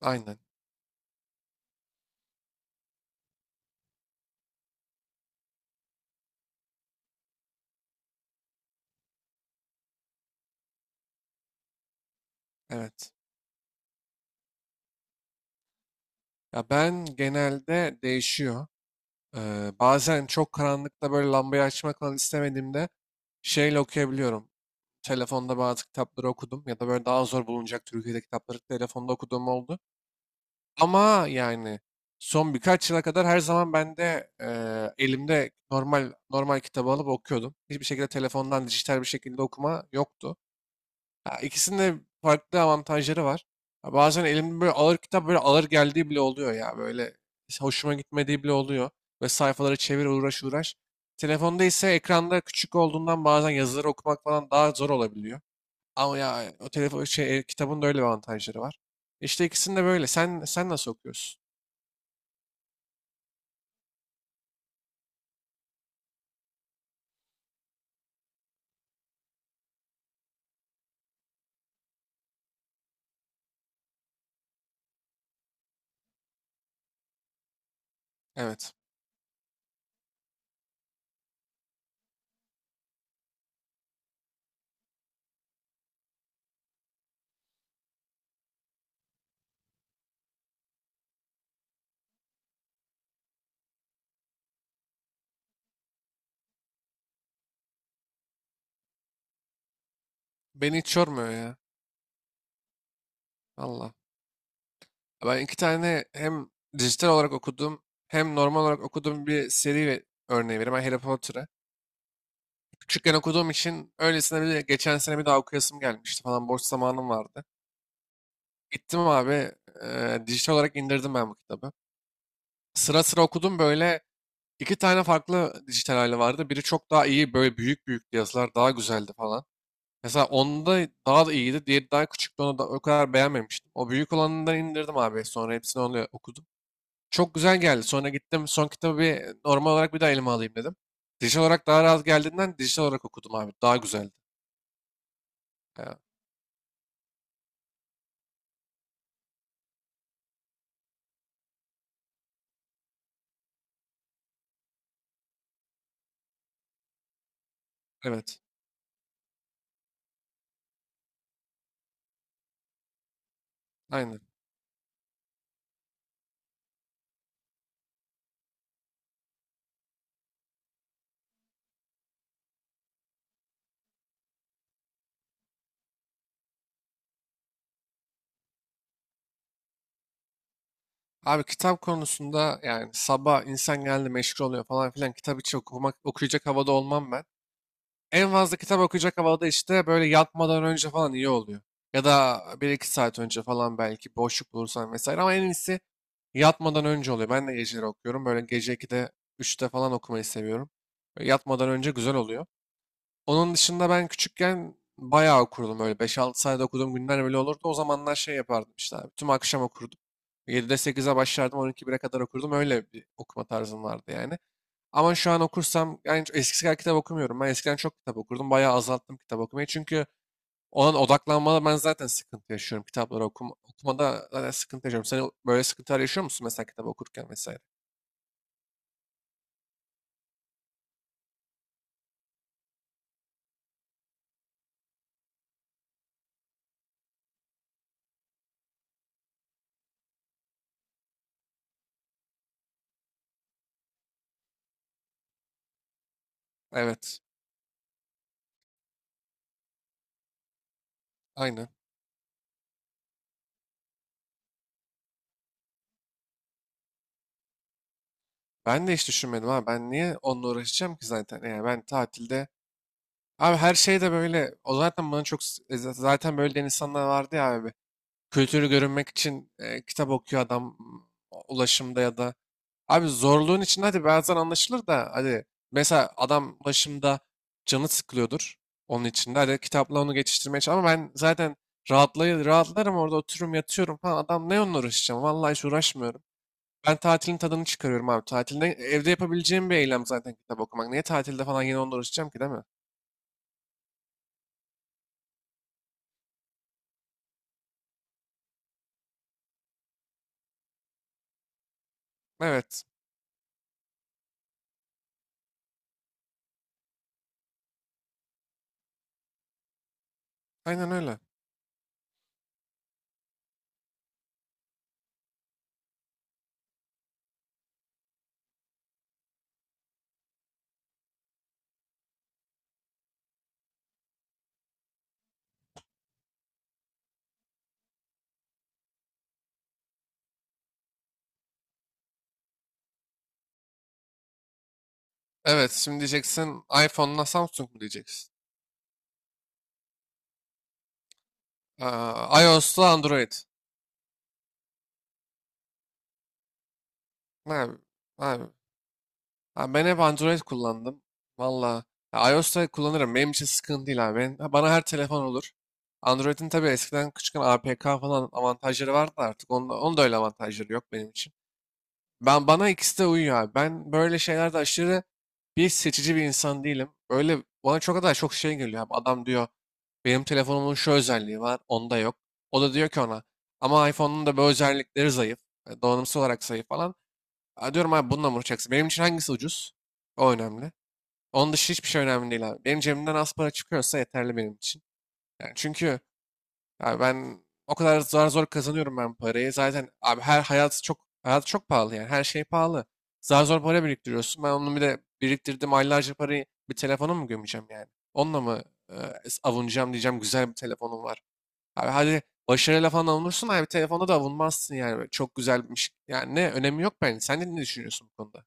Aynen. Evet. Ya ben genelde değişiyor. Bazen çok karanlıkta böyle lambayı açmak falan istemediğimde şeyle okuyabiliyorum. Telefonda bazı kitapları okudum ya da böyle daha zor bulunacak Türkiye'de kitapları telefonda okuduğum oldu. Ama yani son birkaç yıla kadar her zaman ben de elimde normal normal kitabı alıp okuyordum. Hiçbir şekilde telefondan dijital bir şekilde okuma yoktu. Ya ikisinin de farklı avantajları var. Ya bazen elimde böyle ağır kitap böyle ağır geldiği bile oluyor ya. Böyle hoşuma gitmediği bile oluyor. Ve sayfaları çevir, uğraş uğraş. Telefonda ise ekranda küçük olduğundan bazen yazıları okumak falan daha zor olabiliyor. Ama ya o telefon şey, kitabın da öyle bir avantajları var. İşte ikisini de böyle. Sen nasıl okuyorsun? Evet. Beni hiç yormuyor ya. Valla. Ben iki tane hem dijital olarak okudum hem normal olarak okuduğum bir seri ve örneği vereyim. Ben Harry Potter'ı. Küçükken okuduğum için öylesine bir geçen sene bir daha okuyasım gelmişti falan, boş zamanım vardı. Gittim abi, dijital olarak indirdim ben bu kitabı. Sıra sıra okudum böyle, iki tane farklı dijital hali vardı. Biri çok daha iyi, böyle büyük büyük yazılar daha güzeldi falan. Mesela onda daha da iyiydi. Diğeri daha küçüktü, onu da o kadar beğenmemiştim. O büyük olanından indirdim abi, sonra hepsini onu okudum. Çok güzel geldi. Sonra gittim son kitabı bir normal olarak bir daha elime alayım dedim. Dijital olarak daha rahat geldiğinden dijital olarak okudum abi. Daha güzeldi. Ya, evet. Aynen. Abi kitap konusunda yani sabah insan geldi meşgul oluyor falan filan, kitap hiç okumak, okuyacak havada olmam ben. En fazla kitap okuyacak havada işte böyle yatmadan önce falan iyi oluyor. Ya da bir iki saat önce falan belki boşluk bulursan vesaire ama en iyisi yatmadan önce oluyor. Ben de geceleri okuyorum. Böyle gece 2'de, üçte falan okumayı seviyorum. Böyle yatmadan önce güzel oluyor. Onun dışında ben küçükken bayağı okurdum öyle. Beş altı sayede okuduğum günler bile olurdu. O zamanlar şey yapardım işte abi. Tüm akşam okurdum. 7'de sekize başlardım. 12 1'e kadar okurdum. Öyle bir okuma tarzım vardı yani. Ama şu an okursam yani eskisi kadar kitap okumuyorum. Ben eskiden çok kitap okurdum. Bayağı azalttım kitap okumayı. Çünkü olan odaklanmada ben zaten sıkıntı yaşıyorum. Kitapları okumada zaten sıkıntı yaşıyorum. Sen böyle sıkıntılar yaşıyor musun mesela kitap okurken vesaire? Evet. Aynen. Ben de hiç düşünmedim ha. Ben niye onunla uğraşacağım ki zaten? Yani ben tatilde. Abi her şey de böyle. O zaten bana çok zaten böyle diyen insanlar vardı ya abi. Kültürü görünmek için kitap okuyor adam, ulaşımda ya da. Abi zorluğun içinde hadi bazen anlaşılır da, hadi mesela adam ulaşımda canı sıkılıyordur, onun içinde hadi kitapla onu geçiştirmeye çalış. Ama ben zaten rahatlarım, orada otururum, yatıyorum falan. Adam ne onunla uğraşacağım? Vallahi hiç uğraşmıyorum. Ben tatilin tadını çıkarıyorum abi. Tatilde evde yapabileceğim bir eylem zaten kitap okumak. Niye tatilde falan yine onunla uğraşacağım ki değil mi? Evet. Aynen öyle. Evet, şimdi diyeceksin iPhone'la Samsung mu diyeceksin? Aa, iOS'la Android. Abi, abi, abi, ben hep Android kullandım. Valla. Ya iOS'ta kullanırım. Benim için sıkıntı değil abi. Bana her telefon olur. Android'in tabii eskiden küçükken APK falan avantajları vardı da, artık onda, öyle avantajları yok benim için. Ben, bana ikisi de uyuyor abi. Ben böyle şeylerde aşırı bir seçici bir insan değilim. Böyle bana çok kadar çok şey geliyor abi. Adam diyor benim telefonumun şu özelliği var, onda yok. O da diyor ki ona ama iPhone'un da bu özellikleri zayıf. Donanımsal olarak zayıf falan. "Ha," diyorum abi, bununla mı uğraşacaksın? Benim için hangisi ucuz? O önemli. Onun dışı hiçbir şey önemli değil abi. Benim cebimden az para çıkıyorsa yeterli benim için. Yani çünkü abi ben o kadar zor zor kazanıyorum ben parayı. Zaten abi, her hayat çok hayat çok pahalı yani. Her şey pahalı. Zar zor para biriktiriyorsun. Ben onu bir de biriktirdim aylarca parayı, bir telefona mı gömeceğim yani? Onunla mı e, avunacağım, diyeceğim güzel bir telefonum var. Abi hadi başarıyla falan avunursun abi, telefonda da avunmazsın yani. Böyle çok güzelmiş. Yani ne önemi yok bence. Sen de ne düşünüyorsun bu konuda?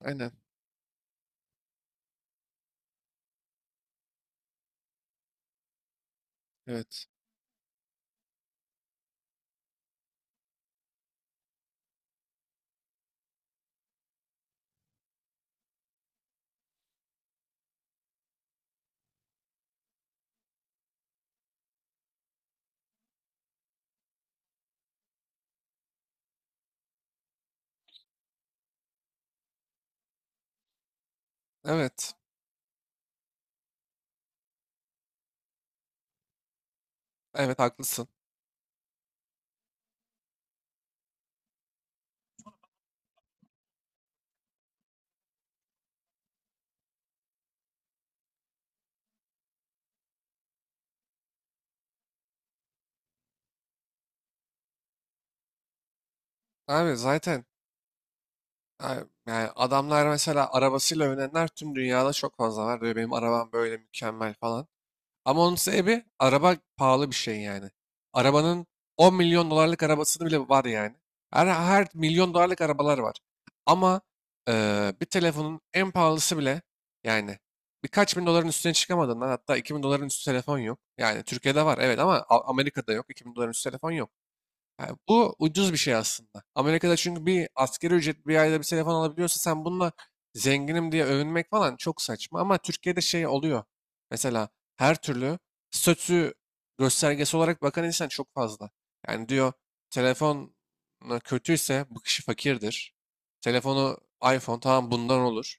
Aynen. Evet. Evet. Evet, haklısın. Abi zaten, yani adamlar mesela arabasıyla övünenler tüm dünyada çok fazla var. Diyor benim arabam böyle mükemmel falan. Ama onun sebebi araba pahalı bir şey yani. Arabanın 10 milyon dolarlık arabasını bile var yani. Her milyon dolarlık arabalar var. Ama bir telefonun en pahalısı bile yani birkaç bin doların üstüne çıkamadığından, hatta 2 bin doların üstü telefon yok. Yani Türkiye'de var, evet, ama Amerika'da yok. 2 bin doların üstü telefon yok. Yani bu ucuz bir şey aslında. Amerika'da çünkü bir asgari ücret, bir ayda bir telefon alabiliyorsa sen bununla zenginim diye övünmek falan çok saçma. Ama Türkiye'de şey oluyor. Mesela her türlü statü göstergesi olarak bakan insan çok fazla. Yani diyor telefon kötüyse bu kişi fakirdir. Telefonu iPhone, tamam bundan olur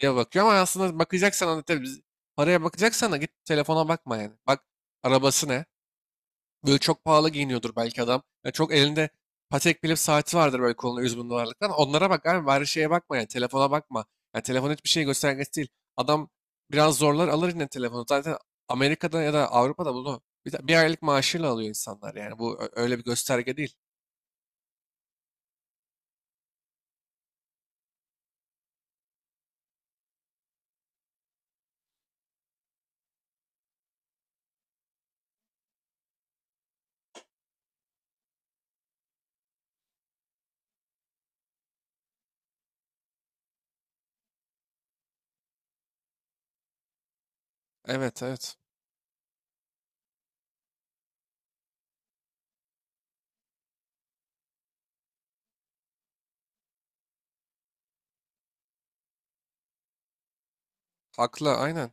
diye bakıyor ama aslında bakacaksan hani, tabii paraya bakacaksan da git telefona bakma yani. Bak arabası ne? Böyle çok pahalı giyiniyordur belki adam. Ya çok elinde Patek Philippe saati vardır böyle kolunda, 100 bin dolarlık. Onlara bak abi, bari şeye bakma yani, telefona bakma. Yani telefon hiçbir şey göstergesi değil. Adam biraz zorlar alır yine telefonu. Zaten Amerika'da ya da Avrupa'da bunu bir aylık maaşıyla alıyor insanlar yani. Bu öyle bir gösterge değil. Evet, evet. Haklı, aynen.